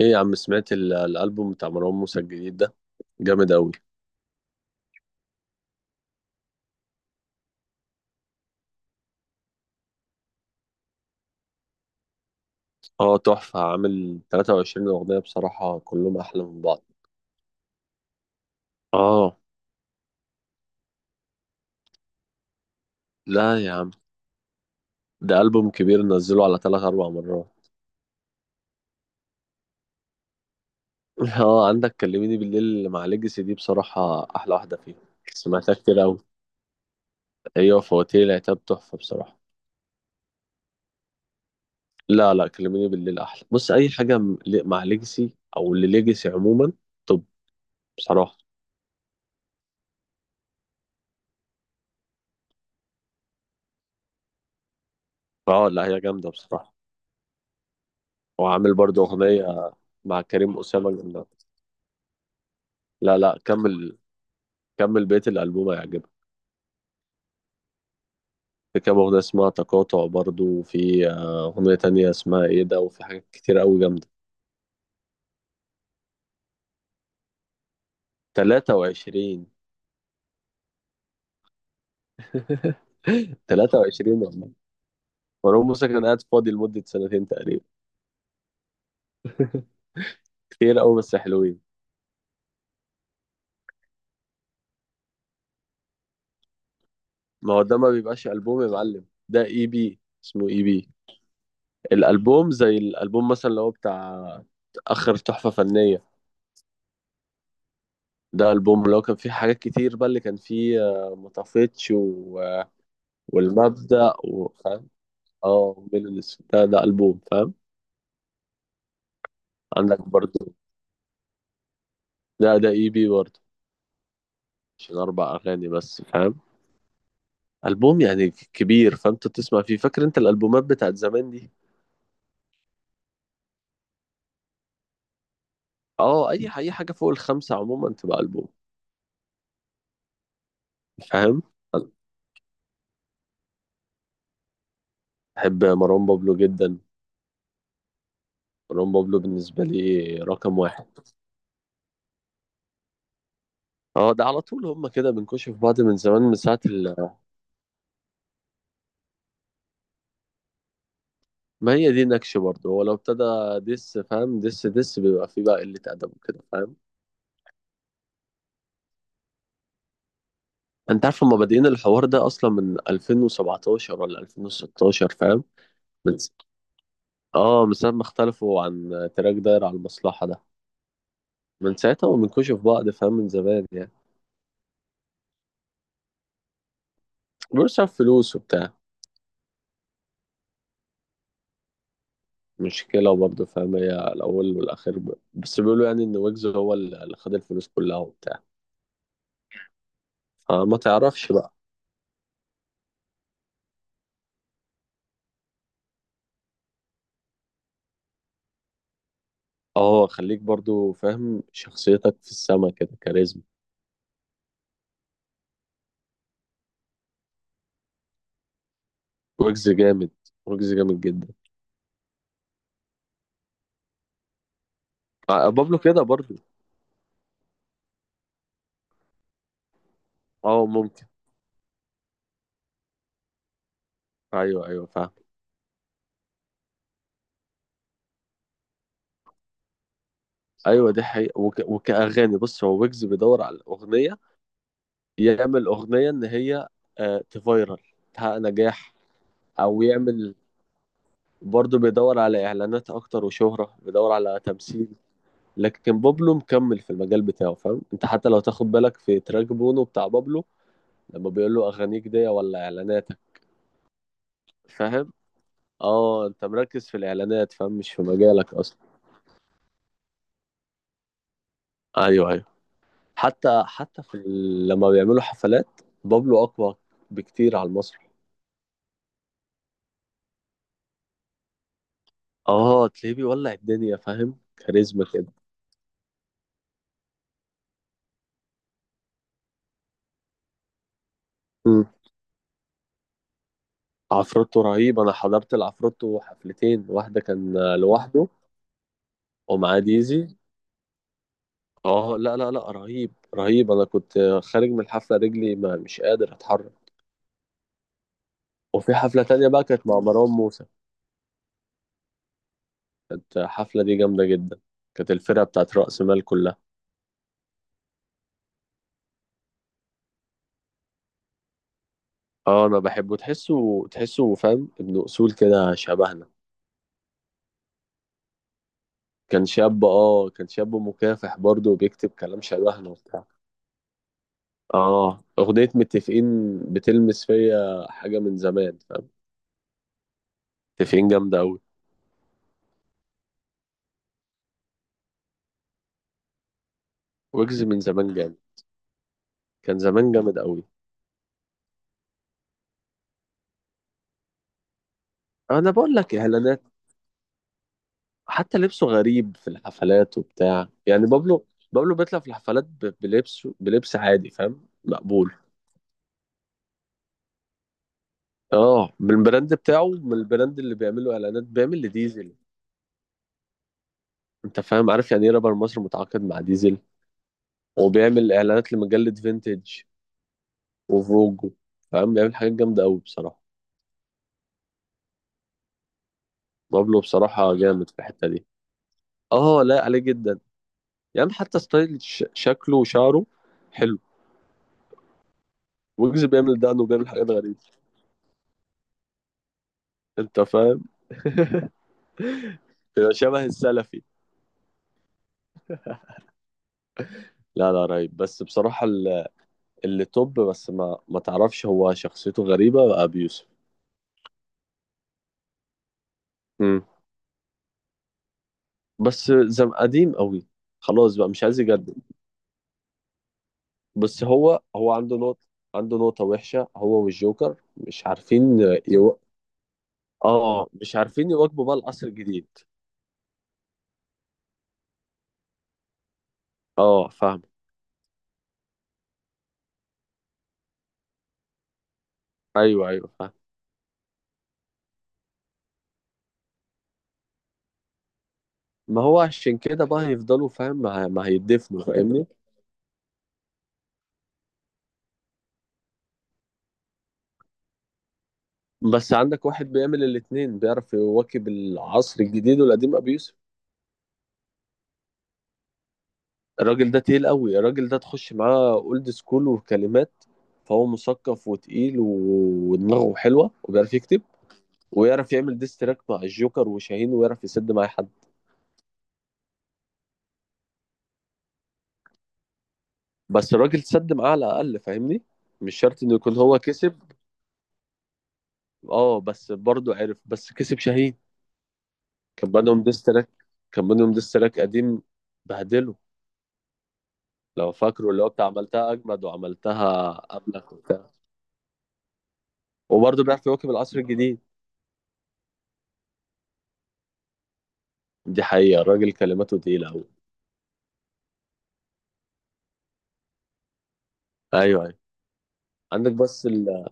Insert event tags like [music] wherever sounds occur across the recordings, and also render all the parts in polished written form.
ايه يا عم، سمعت الالبوم بتاع مروان موسى الجديد ده، جامد اوي. اه تحفة، عامل 23 اغنية بصراحة كلهم احلى من بعض. اه. لا يا عم، ده البوم كبير نزله على تلات اربع مرات. [laughs] اه، عندك كلميني بالليل مع ليجاسي دي بصراحة احلى واحدة فيهم. سمعتها كتير اوي. ايوه، فواتير العتاب تحفة بصراحة. لا لا، كلميني بالليل احلى. بص اي حاجة مع ليجاسي او لليجاسي عموما. طب، بصراحة. اه لا، هي جامدة بصراحة. وعامل برضه أغنية مع كريم أسامة، جنة. لا لا كمل، كمل بيت الألبوم هيعجبك. في كام أغنية اسمها تقاطع برضه، وفي أغنية تانية اسمها إيه ده، وفي حاجات كتير أوي جامدة. 23. 23 [laughs] والله. مروان موسى كان قاعد فاضي لمدة سنتين تقريبا. كتير أوي بس حلوين. ما هو ده ما بيبقاش ألبوم يا معلم، ده إي بي. اسمه إي بي. الألبوم زي الألبوم مثلا اللي هو بتاع آخر تحفة فنية. ده ألبوم اللي هو كان فيه حاجات كتير بقى، اللي كان فيه آه، ما طفتش و... آه، والمبدأ، وفاهم. اه من الاسم ده، ده ألبوم فاهم. عندك برضو، ده اي بي برضو. عشان أربع أغاني بس فاهم. ألبوم يعني كبير، فأنت تسمع فيه. فاكر أنت الألبومات بتاعت زمان دي؟ اه، أي أي حاجة فوق الخمسة عموما تبقى ألبوم. فاهم. أنا بحب مروان بابلو جدا. مروان بابلو بالنسبة لي رقم واحد. اه ده على طول، هما كده بنكشف بعض من زمان، من ساعة. ما هي دي نكش برضه، هو لو ابتدى دس فاهم، دس بيبقى فيه بقى قلة أدب وكده فاهم. أنت عارف هما بادئين الحوار ده أصلا من 2017 ولا 2016 فاهم. من س... آه من ساعة ما اختلفوا عن تراك داير على المصلحة ده. من ساعتها ومن في بعض فاهم، من زمان يعني. بيقولوا عشان فلوس وبتاع. مشكلة برضه فاهم، هي الأول والأخير بس بيقولوا يعني إن ويجز هو اللي خد الفلوس كلها وبتاع. فما تعرفش بقى. اه خليك برضو فاهم، شخصيتك في السما كده كاريزما. ويجز جامد، ويجز جامد جدا. بابلو كده برضو. اه ممكن. ايوه ايوه فاهم. ايوه دي حقيقة، وكأغاني بص، هو ويجز بيدور على الأغنية. يعمل أغنية إن هي تفايرل، تحقق نجاح. أو يعمل برضه، بيدور على إعلانات أكتر وشهرة، بيدور على تمثيل. لكن بابلو مكمل في المجال بتاعه فاهم. أنت حتى لو تاخد بالك في تراك بونو بتاع بابلو، لما بيقول له أغانيك دي ولا إعلاناتك. فاهم. اه انت مركز في الاعلانات فاهم، مش في مجالك اصلا. ايوه ايوه. حتى حتى لما بيعملوا حفلات، بابلو اقوى بكتير على المسرح. اه تلاقيه بيولع الدنيا فاهم، كاريزما كده. مم. عفروتو رهيب، انا حضرت العفروتو حفلتين، واحده كان لوحده ومعاه ديزي. اه لا لا لا رهيب رهيب، انا كنت خارج من الحفله رجلي ما مش قادر اتحرك. وفي حفله تانية بقى كانت مع مروان موسى، كانت الحفله دي جامده جدا، كانت الفرقه بتاعت رأس مال كلها. اه انا بحبه، تحسه تحسه فاهم ابن اصول كده شبهنا. كان شاب، اه كان شاب مكافح برضه، وبيكتب كلام شبهنا وبتاع. اه اغنية متفقين بتلمس فيا حاجة من زمان فاهم. متفقين جامدة أوي. ويجز من زمان جامد، كان زمان جامد أوي. انا بقول لك اعلانات، حتى لبسه غريب في الحفلات وبتاع يعني. بابلو، بابلو بيطلع في الحفلات بلبسه، بلبس عادي فاهم مقبول. اه من البراند بتاعه، من البراند اللي بيعمله اعلانات، بيعمل لديزل. انت فاهم، عارف يعني ايه رابر مصر متعاقد مع ديزل، وبيعمل اعلانات لمجلة فينتج وفوجو. فاهم، بيعمل حاجات جامدة أوي بصراحة. بابلو بصراحة جامد في الحتة دي. اه لا عليه جدا. يعني حتى ستايل شكله وشعره، حلو. ويجز بيعمل ده، انه بيعمل حاجات غريبة. انت فاهم. [laughs] بيبقى شبه السلفي. لا لا رهيب. بس بصراحة اللي توب بس ما ما تعرفش هو شخصيته غريبة بقى، أبي يوسف. مم. بس زم قديم قوي، خلاص بقى مش عايز يجدد. بس هو هو عنده نقطة، عنده نقطة وحشة هو والجوكر، مش عارفين. اه مش عارفين يواكبوا بقى العصر الجديد. اه فاهم. ايوه ايوه فاهم. ما هو عشان كده بقى هيفضلوا فاهم. ما، هيدفنوا فاهمني. بس عندك واحد بيعمل الاتنين، بيعرف يواكب العصر الجديد والقديم، ابي يوسف. الراجل ده تقيل قوي، الراجل ده تخش معاه اولد سكول وكلمات. فهو مثقف وتقيل ودماغه حلوه وبيعرف يكتب. ويعرف يعمل ديستراك مع الجوكر وشاهين، ويعرف يسد مع أي حد. بس الراجل سد معاه على الاقل فاهمني، مش شرط انه يكون هو كسب. اه بس برضه عرف، بس كسب شاهين. كان بينهم ديستراك، كان بينهم ديستراك قديم، بهدله، لو فاكره اللي هو بتاع عملتها اجمد وعملتها قبلك وبتاع. وبرضه بيعرف يواكب العصر الجديد. دي حقيقة، الراجل كلماته تقيلة أوي. أيوه أيوه. عندك بس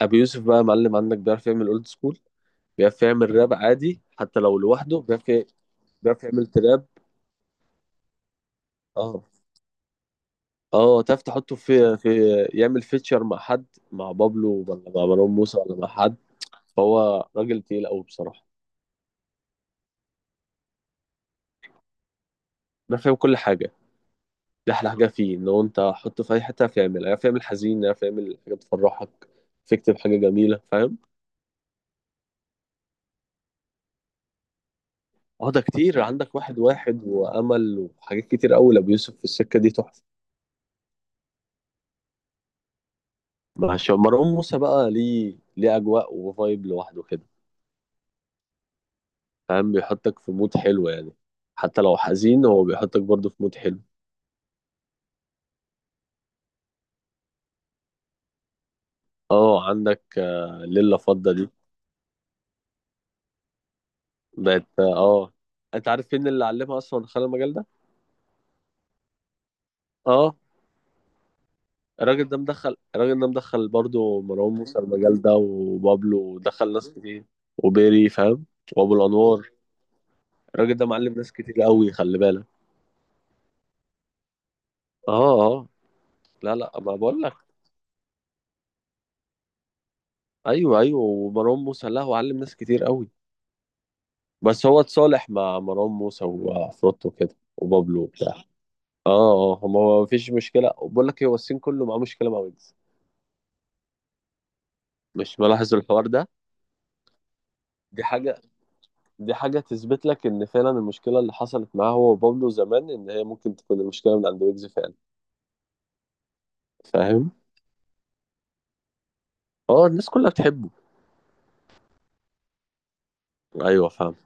أبي يوسف بقى يا معلم، عندك بيعرف يعمل أولد سكول، بيعرف يعمل راب عادي حتى لو لوحده، بيعرف يعمل تراب. اه اه تعرف تحطه في في يعمل فيتشر مع حد، مع بابلو ولا مع مروان موسى ولا مع حد. فهو راجل تقيل قوي بصراحة. أنا فاهم كل حاجة. دي أحلى حاجة فيه، إن هو أنت حطه في أي حتة هيعرف يعمل، هيعرف يعمل حزين، هيعرف يعمل حاجة تفرحك، تكتب حاجة جميلة فاهم. اه ده كتير، عندك واحد واحد وأمل وحاجات كتير قوي لأبو يوسف في السكة دي تحفة. مع مروان موسى بقى ليه، ليه أجواء وفايب لوحده كده. فاهم، بيحطك في مود حلو يعني. حتى لو حزين هو بيحطك برضه في مود حلو. اه عندك ليلة فضة دي. بقت اه. انت عارف مين اللي علمها اصلا دخل المجال ده؟ اه. الراجل ده مدخل، الراجل ده مدخل برضه مروان موسى المجال ده، وبابلو، ودخل ناس كتير، وبيري فاهم، وابو الانوار. الراجل ده معلم ناس كتير قوي، خلي بالك. اه اه. لا لا ما بقول لك، ايوه ايوه، ومروان موسى لا هو علم ناس كتير قوي. بس هو اتصالح مع مروان موسى وعفروتو كده وبابلو وبتاع. اه اه. هو ما فيش مشكله، وبقول لك هو الصين كله معاه مشكله مع ويجز. مش ملاحظ الحوار ده. دي حاجه، دي حاجة تثبت لك إن فعلا المشكلة اللي حصلت معاه هو وبابلو زمان، إن هي ممكن تكون المشكلة من عند ويجز فعلا. فاهم؟ اه الناس كلها بتحبه. أيوه فاهم.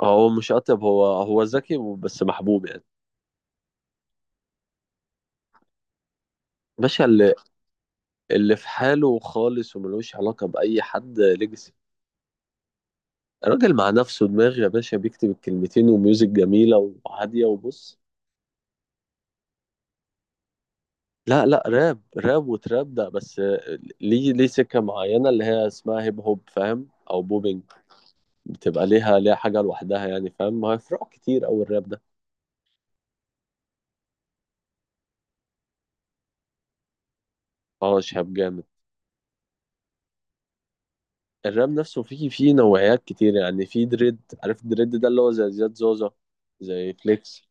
هو مش أطيب، هو هو ذكي بس محبوب يعني. باشا، اللي اللي في حاله خالص وملوش علاقة بأي حد، ليجاسي. الراجل مع نفسه دماغ يا باشا، بيكتب الكلمتين وميوزك جميلة وهادية، وبص. لا لا راب، راب وتراب ده بس. ليه، ليه سكة معينة اللي هي اسمها هيب هوب فاهم، أو بوبينج، بتبقى ليها، ليها حاجة لوحدها يعني فاهم. ما هي فروع كتير أوي الراب ده. اه شهاب جامد. الراب نفسه فيه نوعيات كتير يعني، فيه دريد، عارف الدريد ده اللي هو زي زياد زوزة، زي فليكس،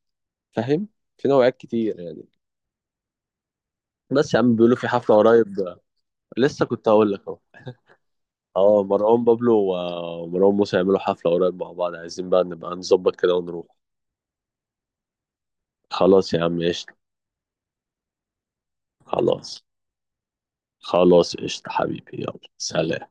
فاهم. في نوعيات كتير يعني. بس يا عم، بيقولوا في حفلة قريب. لسه كنت هقول لك اهو. اه مروان بابلو ومروان موسى يعملوا حفلة قريب مع بعض، عايزين بقى نبقى نظبط كده ونروح. خلاص يا عم، قشطة. خلاص. خلاص، قشطة حبيبي، يلا سلام.